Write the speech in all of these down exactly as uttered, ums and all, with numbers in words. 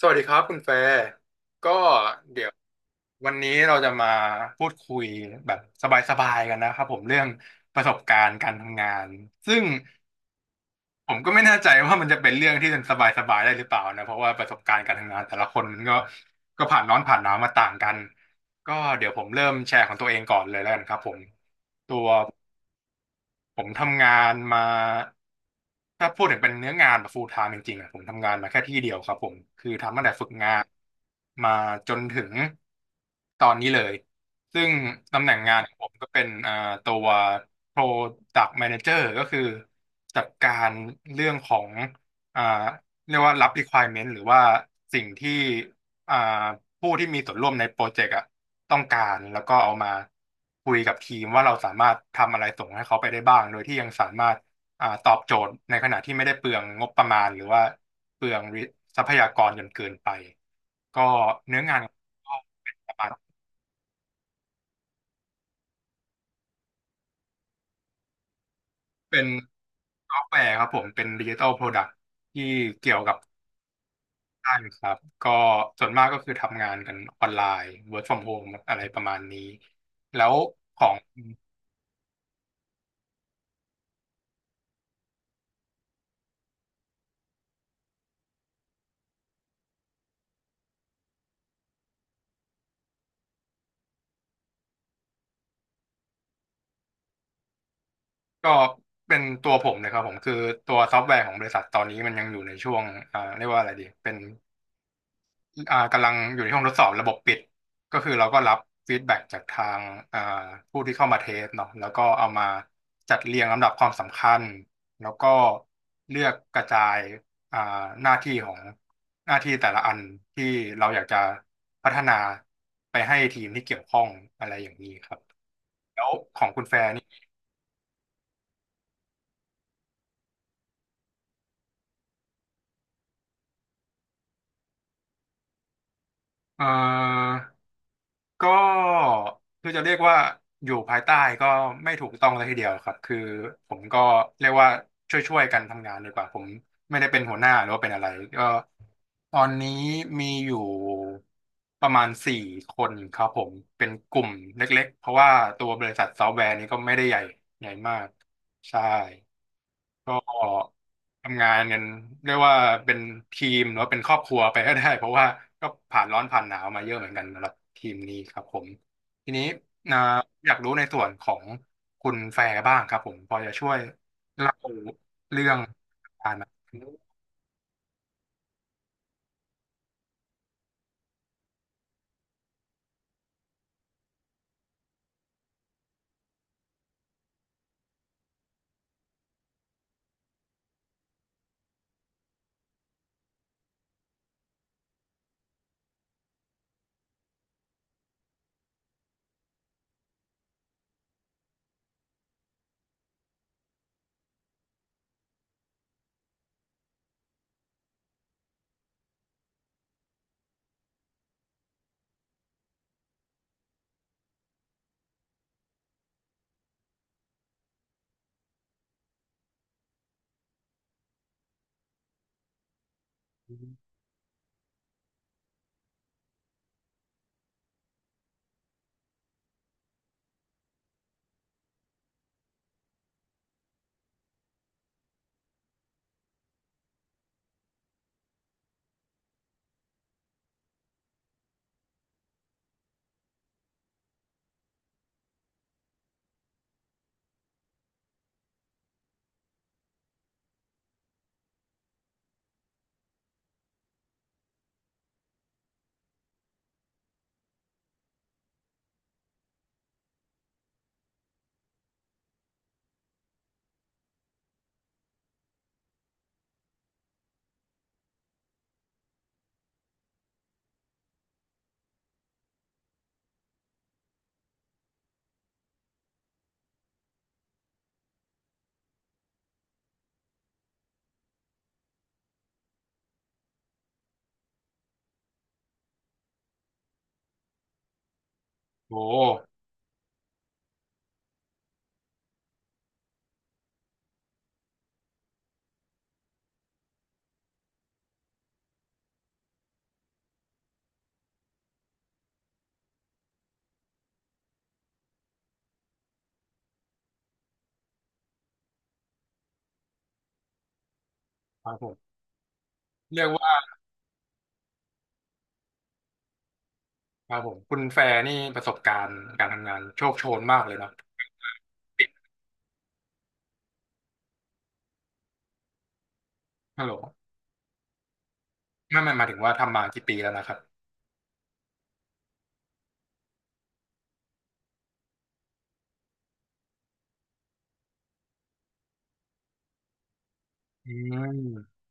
สวัสดีครับคุณแฟร์ก็เดี๋ยววันนี้เราจะมาพูดคุยแบบสบายๆกันนะครับผมเรื่องประสบการณ์การทำงานซึ่งผมก็ไม่แน่ใจว่ามันจะเป็นเรื่องที่สบายๆได้หรือเปล่านะเพราะว่าประสบการณ์การทำงานแต่ละคนมันก็ก็ผ่านร้อนผ่านหนาวมาต่างกันก็เดี๋ยวผมเริ่มแชร์ของตัวเองก่อนเลยแล้วกันครับผมตัว ผมทำงานมาถ้าพูดถึงเป็นเนื้องานแบบ full time จริงๆอะผมทำงานมาแค่ที่เดียวครับผมคือทำตั้งแต่ฝึกงานมาจนถึงตอนนี้เลยซึ่งตำแหน่งงานของผมก็เป็นอ่าตัว Product Manager ก็คือจัดการเรื่องของอ่าเรียกว่ารับ requirement หรือว่าสิ่งที่ อ่าผู้ที่มีส่วนร่วมในโปรเจกต์อ่ะต้องการแล้วก็เอามาคุยกับทีมว่าเราสามารถทำอะไรส่งให้เขาไปได้บ้างโดยที่ยังสามารถอ่าตอบโจทย์ในขณะที่ไม่ได้เปลืองงบประมาณหรือว่าเปลืองทรัพยากรจนเกินไปก็เนื้องานก็เป็นประมาณเป็นซอฟต์แวร์ครับผมเป็นดิจิทัลโปรดักต์ที่เกี่ยวกับด้านครับก็ส่วนมากก็คือทำงานกันออนไลน์ work from home อะไรประมาณนี้แล้วของ ก็เป็นตัวผมเลยครับผมคือตัวซอฟต์แวร์ของบริษัทตอนนี้มันยังอยู่ในช่วงอ่าเรียกว่าอะไรดีเป็นอ่ากำลังอยู่ในช่วงทดสอบระบบปิดก็คือเราก็รับฟีดแบ็กจากทางอ่าผู้ที่เข้ามาเทสเนาะแล้วก็เอามาจัดเรียงลำดับความสำคัญแล้วก็เลือกกระจายอ่าหน้าที่ของหน้าที่แต่ละอันที่เราอยากจะพัฒนาไปให้ทีมที่เกี่ยวข้องอะไรอย่างนี้ครับเอ่อ ก็คือจะเรียกว่าอยู่ภายใต้ก็ไม่ถูกต้องเลยทีเดียวครับคือผมก็เรียกว่าช่วยๆกันทำงานดีกว่าผมไม่ได้เป็นหัวหน้าหรือว่าเป็นอะไรก็ตอนนี้มีอยู่ประมาณสี่คนครับผมเป็นกลุ่มเล็กๆเพราะว่าตัวบริษัทซอฟต์แวร์นี้ก็ไม่ได้ใหญ่ใหญ่มากใช่ ก็ทำงานกันเรียกว่าเป็นทีมหรือว่าเป็นครอบครัวไปก็ได้เพราะว่าก็ผ่านร้อนผ่านหนาวมาเยอะเหมือนกันสำหรับทีมนี้ครับผมทีนี้นะอยากรู้ในส่วนของคุณแฟร์บ้างครับผมพอจะช่วยเล่าเรื่องการมาโอ้ครับผมเรียกว่าครับผมคุณแฟร์นี่ประสบการณ์การทำงานโชคโชนมากเลยเนาะฮัลโหลไม่ไม่หมายถึงว่าทำมากี่ปีแล้วนะครับอืม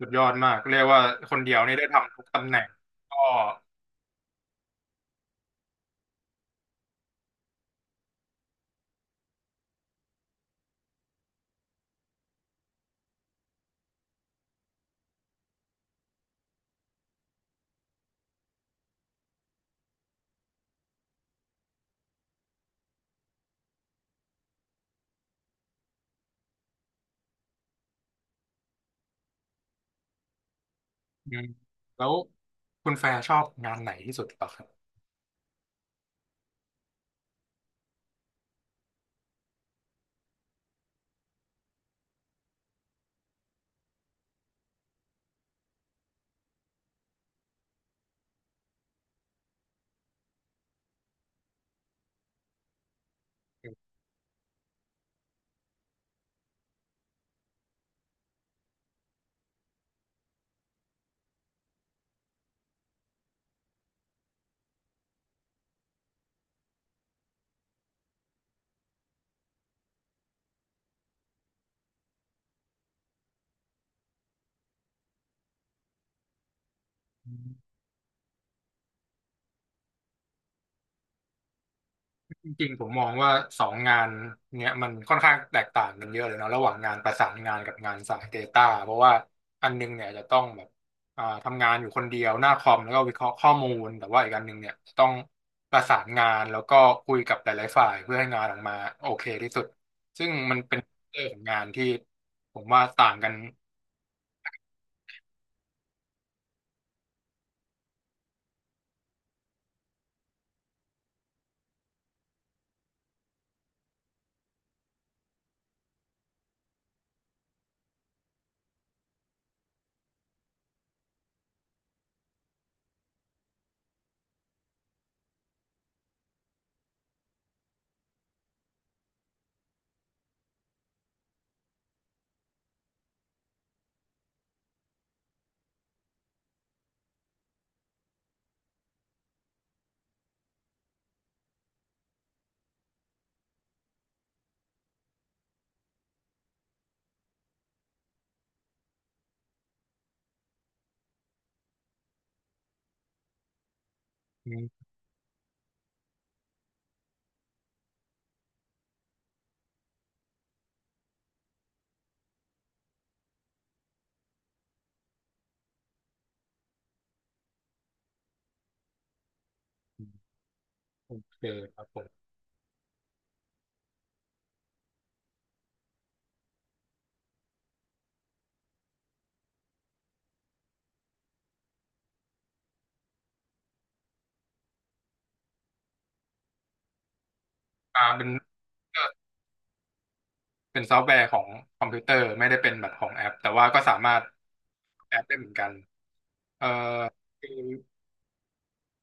สุดยอดมากเรียกว่าคนเดียวนี่ได้ทำทุกตำแหน่งก็อืมแล้วคุณแฟร์ชอบงานไหนที่สุดเหรอครับจริงๆผมมองว่าสองงานเนี้ยมันค่อนข้างแตกต่างกันเยอะเลยเนาะระหว่างงานประสานงานกับงานสาย Data เพราะว่าอันนึงเนี่ยจะต้องแบบอ่าทำงานอยู่คนเดียวหน้าคอมแล้วก็วิเคราะห์ข้อมูลแต่ว่าอีกอันหนึงเนี่ยจะต้องประสานงานแล้วก็คุยกับหลายๆฝ่ายเพื่อให้งานออกมาโอเคที่สุดซึ่งมันเป็นเรื่องของงานที่ผมว่าต่างกัน โอเคครับผมอ่าเป็นเป็นซอฟต์แวร์ของคอมพิวเตอร์ไม่ได้เป็นแบบของแอปแต่ว่าก็สามารถแอปได้เหมือนกันเอ่อ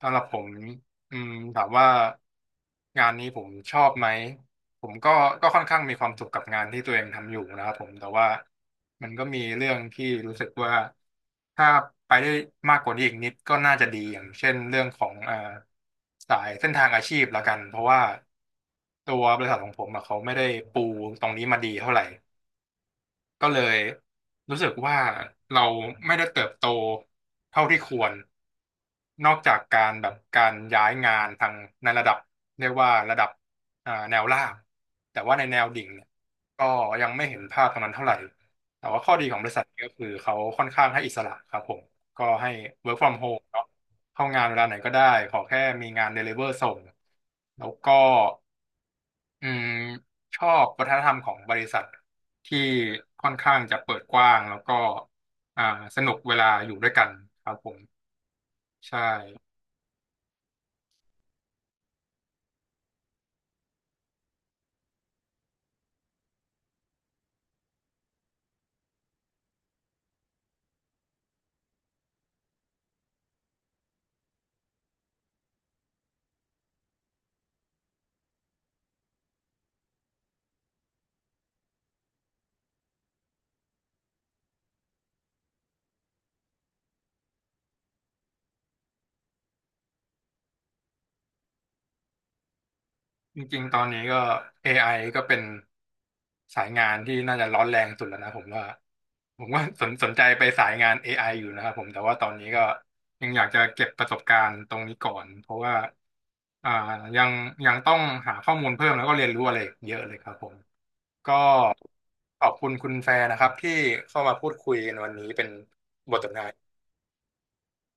สำหรับผมอืมถามว่างานนี้ผมชอบไหมผมก็ก็ค่อนข้างมีความสุขกับงานที่ตัวเองทำอยู่นะครับผมแต่ว่ามันก็มีเรื่องที่รู้สึกว่าถ้าไปได้มากกว่านี้อีกนิดก็น่าจะดีอย่างเช่นเรื่องของเอ่อสายเส้นทางอาชีพละกันเพราะว่าตัวบริษัทของผมอะเขาไม่ได้ปูตรงนี้มาดีเท่าไหร่ ก็เลยรู้สึกว่าเราไม่ได้เติบโตเท่าที่ควร นอกจากการแบบการย้ายงานทางในระดับเรียกว่าระดับอ่าแนวล่าง แต่ว่าในแนวดิ่งเนี่ยก็ยังไม่เห็นภาพตรงนั้นเท่าไหร่ แต่ว่าข้อดีของบริษัทก็คือเขาค่อนข้างให้อิสระครับผม ก็ให้ work from home เนาะเข้างานเวลาไหนก็ได้ขอแค่มีงาน deliver ส่งแล้วก็ อืมชอบวัฒนธรรมของบริษัทที่ค่อนข้างจะเปิดกว้างแล้วก็อ่าสนุกเวลาอยู่ด้วยกันครับผมใช่จริงๆตอนนี้ก็ เอ ไอ ก็เป็นสายงานที่น่าจะร้อนแรงสุดแล้วนะผมว่าผมว่าสนสนใจไปสายงาน เอ ไอ อไออยู่นะครับผมแต่ว่าตอนนี้ก็ยังอยากจะเก็บประสบการณ์ตรงนี้ก่อนเพราะว่าอ่ายังยังต้องหาข้อมูลเพิ่มแล้วก็เรียนรู้อะไรอีกเยอะเลยครับผม ก็ขอบคุณคุณแฟนนะครับที่เข้ามาพูดคุยกันวันนี้เป็นบทสนทนา